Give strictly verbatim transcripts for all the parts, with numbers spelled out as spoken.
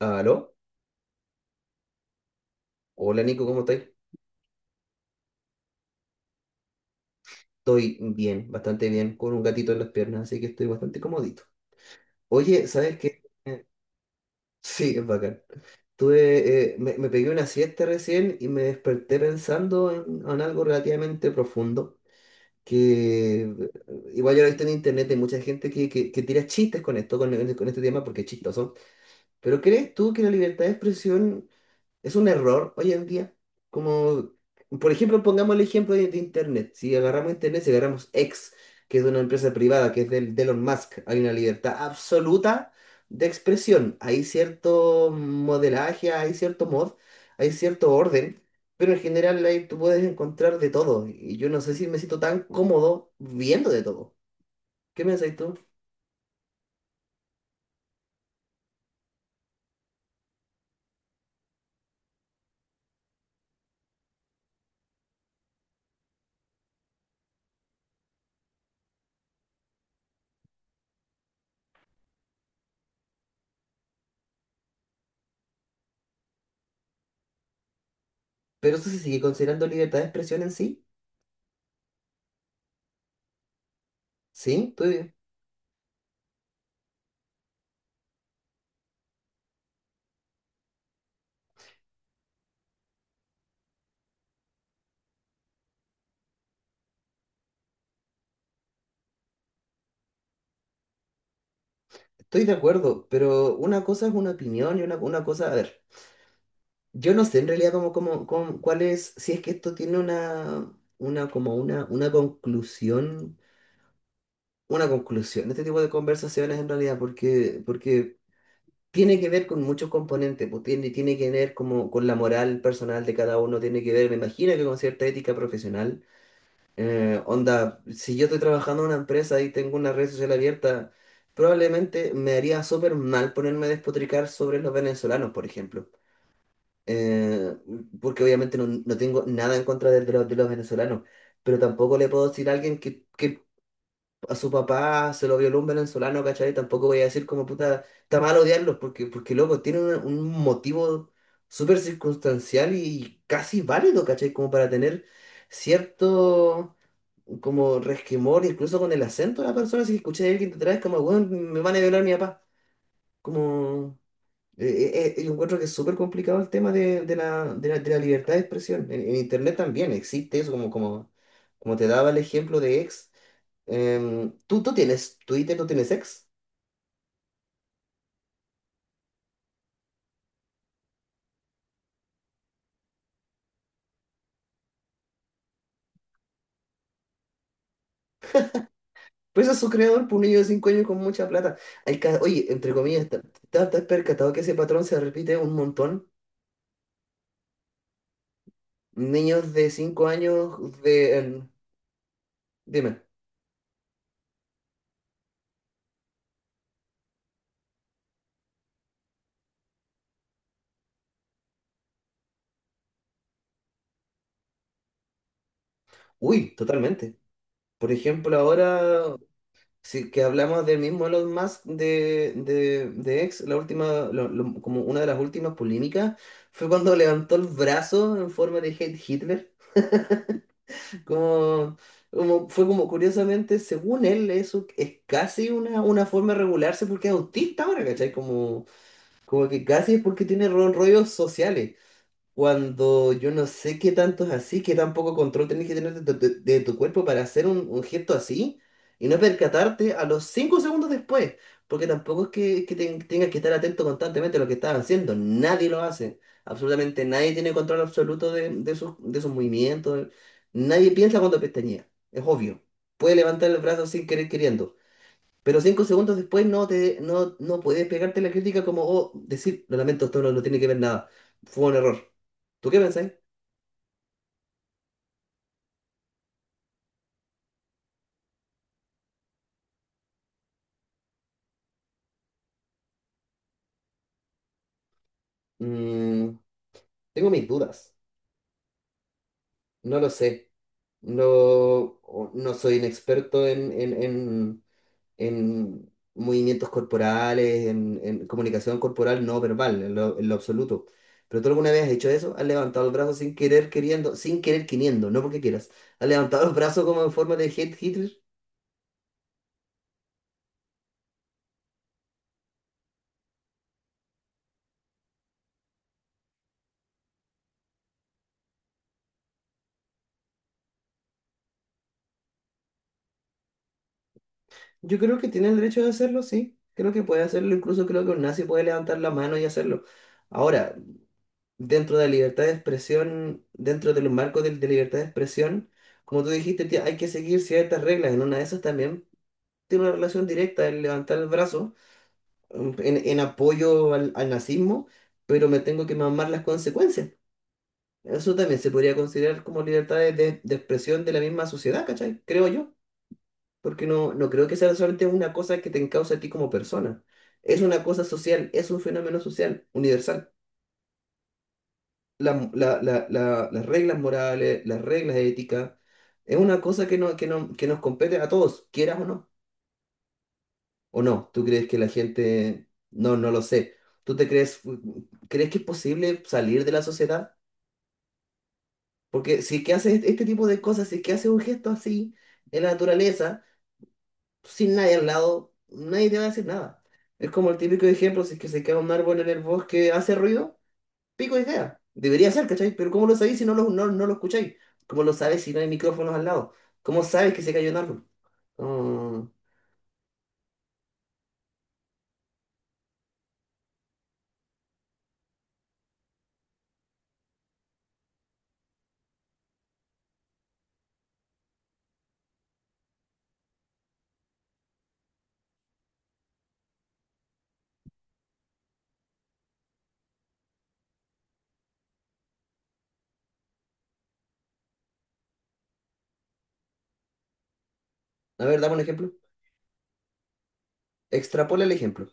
¿Aló? Hola Nico, ¿cómo estáis? Estoy bien, bastante bien, con un gatito en las piernas, así que estoy bastante comodito. Oye, ¿sabes qué? Eh, Sí, es bacán. Tuve, eh, me, me pegué una siesta recién y me desperté pensando en, en algo relativamente profundo, que eh, igual yo lo he visto en internet, hay mucha gente que, que, que tira chistes con esto, con, con este tema, porque es chistoso. Pero ¿crees tú que la libertad de expresión es un error hoy en día? Como, por ejemplo, pongamos el ejemplo de, de internet. Si agarramos internet, si agarramos X, que es de una empresa privada, que es del, de Elon Musk, hay una libertad absoluta de expresión. Hay cierto modelaje, hay cierto mod, hay cierto orden, pero en general ahí tú puedes encontrar de todo. Y yo no sé si me siento tan cómodo viendo de todo. ¿Qué pensáis tú? ¿Pero eso se sigue considerando libertad de expresión en sí? ¿Sí? ¿Tú? Estoy de acuerdo, pero una cosa es una opinión y una, una cosa, a ver, yo no sé en realidad cómo, cómo, cómo- cuál es, si es que esto tiene una, una, como una, una conclusión, una conclusión de este tipo de conversaciones en realidad, porque, porque tiene que ver con muchos componentes, pues tiene, tiene que ver como con la moral personal de cada uno, tiene que ver, me imagino que con cierta ética profesional. Eh, onda, si yo estoy trabajando en una empresa y tengo una red social abierta, probablemente me haría súper mal ponerme a despotricar sobre los venezolanos, por ejemplo. Eh, Porque obviamente no, no tengo nada en contra de, de los, de los venezolanos, pero tampoco le puedo decir a alguien que, que a su papá se lo violó un venezolano, ¿cachai? Tampoco voy a decir como puta, está mal odiarlos, porque, porque loco, tienen un, un motivo súper circunstancial y casi válido, ¿cachai? Como para tener cierto como resquemor, incluso con el acento de la persona, si escuché a alguien detrás, como, weón, me van a violar mi papá. Como, eh, eh, eh, yo encuentro que es súper complicado el tema de, de la, de la- de la libertad de expresión. En, en internet también existe eso, como, como, como te daba el ejemplo de ex. Em, ¿tú, Tú tienes Twitter, ¿tú tienes ex? Pues es su creador por un niño de cinco años con mucha plata. Hay ca- Oye, entre comillas, ¿te te- te has percatado que ese patrón se repite un montón? Niños de cinco años de... em, dime. Uy, totalmente. Por ejemplo, ahora, si que hablamos del mismo Elon Musk de, de, de X, la última, lo- lo- como una de las últimas polémicas, fue cuando levantó el brazo en forma de hate Hitler. Como, como- fue como curiosamente, según él, eso es casi una, una forma de regularse porque es autista ahora, ¿cachai? Como, como que casi es porque tiene ro- rollos sociales, cuando yo no sé qué tanto es así, qué tan poco control tenés que tener de, tu de- de tu cuerpo para hacer un, un gesto así y no percatarte a los cinco segundos después, porque tampoco es que, que ten- tengas que estar atento constantemente a lo que estás haciendo, nadie lo hace, absolutamente nadie tiene control absoluto de, de sus, de sus movimientos, nadie piensa cuando pestañea, es obvio, puede levantar el brazo sin querer queriendo. Pero cinco segundos después no, te, no, no puedes pegarte la crítica como, oh, decir, lo lamento, esto no, no tiene que ver nada. Fue un error. ¿Tú qué pensáis? Mm, tengo mis dudas. No lo sé. No, o- no soy un experto en, en, en, en movimientos corporales, en, en comunicación corporal no verbal, en lo, en lo absoluto. ¿Pero tú alguna vez has hecho eso? ¿Has levantado el brazo sin querer, queriendo, sin querer, queriendo, no porque quieras? ¿Has levantado el brazo como en forma de head hitter? Yo creo que tiene el derecho de hacerlo, sí. Creo que puede hacerlo, incluso creo que un nazi puede levantar la mano y hacerlo. Ahora, dentro de la libertad de expresión, dentro de los marcos de, de libertad de expresión, como tú dijiste, tía, hay que seguir ciertas reglas. En una de esas también tiene una relación directa el levantar el brazo, mm, en, en apoyo al, al nazismo, pero me tengo que mamar las consecuencias. Eso también se podría considerar como libertad de, de de expresión de la misma sociedad, ¿cachai? Creo yo. Porque no, no creo que sea solamente una cosa que te encausa a ti como persona. Es una cosa social, es un fenómeno social, universal. La- la- la- la- las reglas morales, las reglas éticas, es una cosa que, no, que, no, que nos compete a todos, quieras o no. ¿O no? ¿Tú crees que la gente? No, no lo sé. ¿Tú te crees, Crees que es posible salir de la sociedad? Porque si es que haces este tipo de cosas, si es que haces un gesto así en la naturaleza, sin nadie al lado, nadie te va a decir nada. Es como el típico ejemplo, si es que se cae un árbol en el bosque, hace ruido, pico y cae. Debería ser, ¿cachai? Pero ¿cómo lo sabéis si no lo, no, no lo escucháis? ¿Cómo lo sabéis si no hay micrófonos al lado? ¿Cómo sabes que se cayó un árbol? Mm, a ver, dame un ejemplo. Extrapola el ejemplo,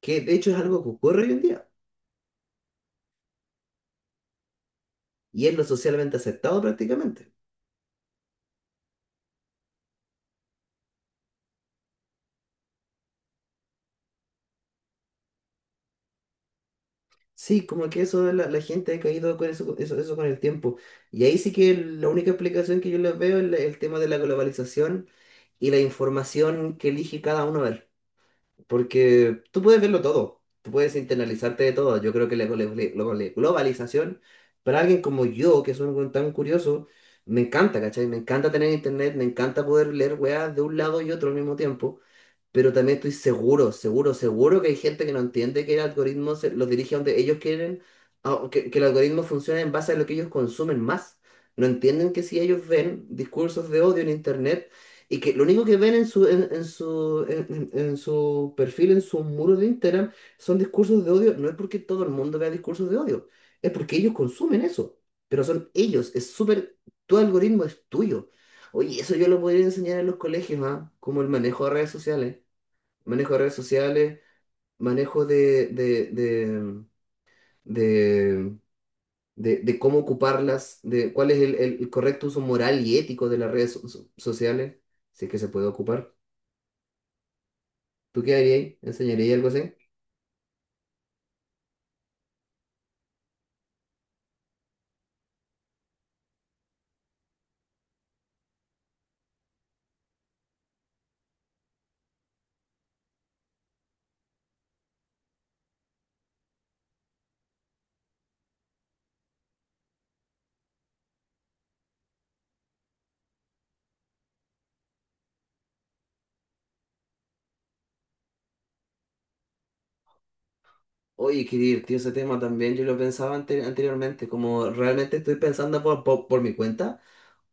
que de hecho es algo que ocurre hoy en día y es lo socialmente aceptado prácticamente. Sí, como que eso, la, la gente ha caído con eso, eso, eso con el tiempo. Y ahí sí que la única explicación que yo les veo es la- el tema de la globalización y la información que elige cada uno ver. Porque tú puedes verlo todo, tú puedes internalizarte de todo. Yo creo que la glo- glo- globalización, para alguien como yo, que soy un tan curioso, me encanta, ¿cachai? Me encanta tener internet, me encanta poder leer weas de un lado y otro al mismo tiempo, pero también estoy seguro, seguro, seguro que hay gente que no entiende que el algoritmo se- los dirige a donde ellos quieren, a- que, que el algoritmo funcione en base a lo que ellos consumen más. No entienden que si ellos ven discursos de odio en internet y que lo único que ven en su, en, en su, en, en- en su perfil, en su muro de Instagram, son discursos de odio, no es porque todo el mundo vea discursos de odio, es porque ellos consumen eso, pero son ellos, es súper, tu algoritmo es tuyo. Oye, eso yo lo podría enseñar en los colegios, ¿ah? Como el manejo de redes sociales, manejo de redes sociales, manejo de, de, de, de, de- de cómo ocuparlas, de cuál es el, el- el correcto uso moral y ético de las redes so- so- sociales, si es que se puede ocupar. ¿Tú qué harías ahí? ¿Enseñarías algo así? Oye, qué divertido ese tema también. Yo lo pensaba ante- anteriormente, como realmente estoy pensando por, por, por mi cuenta.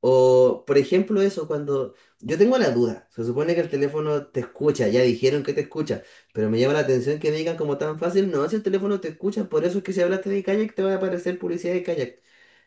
O, por ejemplo, eso, cuando yo tengo la duda, se supone que el teléfono te escucha, ya dijeron que te escucha, pero me llama la atención que me digan como tan fácil, no, si el teléfono te escucha, por eso es que si hablaste de kayak te va a aparecer publicidad de kayak.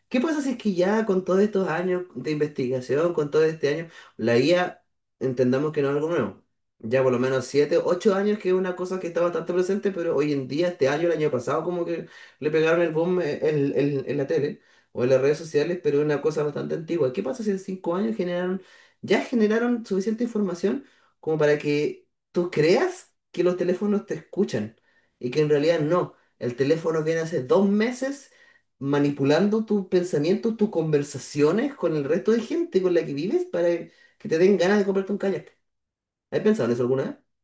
¿Qué pasa si es que ya con todos estos años de investigación, con todo este año, la I A, entendamos que no es algo nuevo? Ya por lo menos siete, ocho años que es una cosa que está bastante presente, pero hoy en día, este año, el año pasado, como que le pegaron el boom, eh, en, en- en la tele o en las redes sociales, pero es una cosa bastante antigua. ¿Qué pasa si en cinco años generaron, ya generaron suficiente información como para que tú creas que los teléfonos te escuchan y que en realidad no? El teléfono viene hace dos meses manipulando tus pensamientos, tus conversaciones con el resto de gente con la que vives para que te den ganas de comprarte un kayak. ¿Has pensado en eso alguna vez?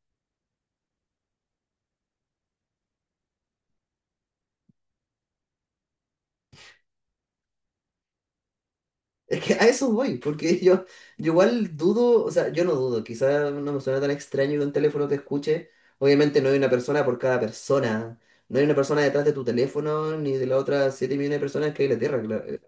Es que a eso voy, porque yo, yo igual dudo, o sea, yo no dudo, quizás no me suena tan extraño que un teléfono te escuche. Obviamente no hay una persona por cada persona, no hay una persona detrás de tu teléfono ni de las otras siete millones de personas que hay en la Tierra, cla- eh,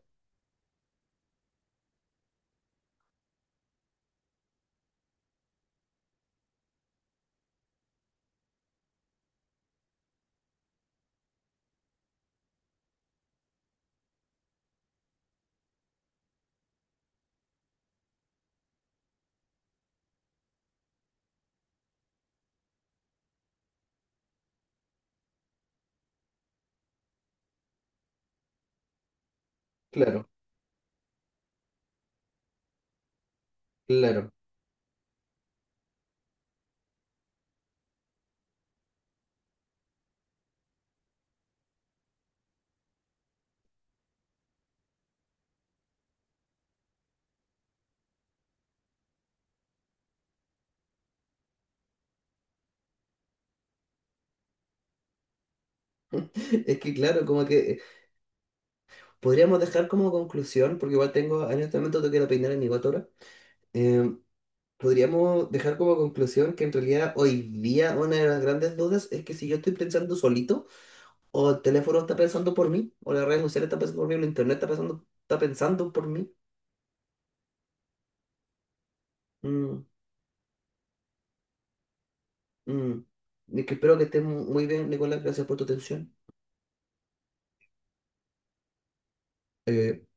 claro. Claro, es que claro, como que eh, podríamos dejar como conclusión, porque igual tengo, en este momento tengo que ir a peinar a mi gato ahora, podríamos dejar como conclusión que en realidad hoy día una de las grandes dudas es que si yo estoy pensando solito, o el teléfono está pensando por mí, o las redes sociales están pensando por mí, o el internet está pensando, está pensando por mí. Mm, mm. Y que espero que estés mu- muy bien, Nicolás. Gracias por tu atención. Eh,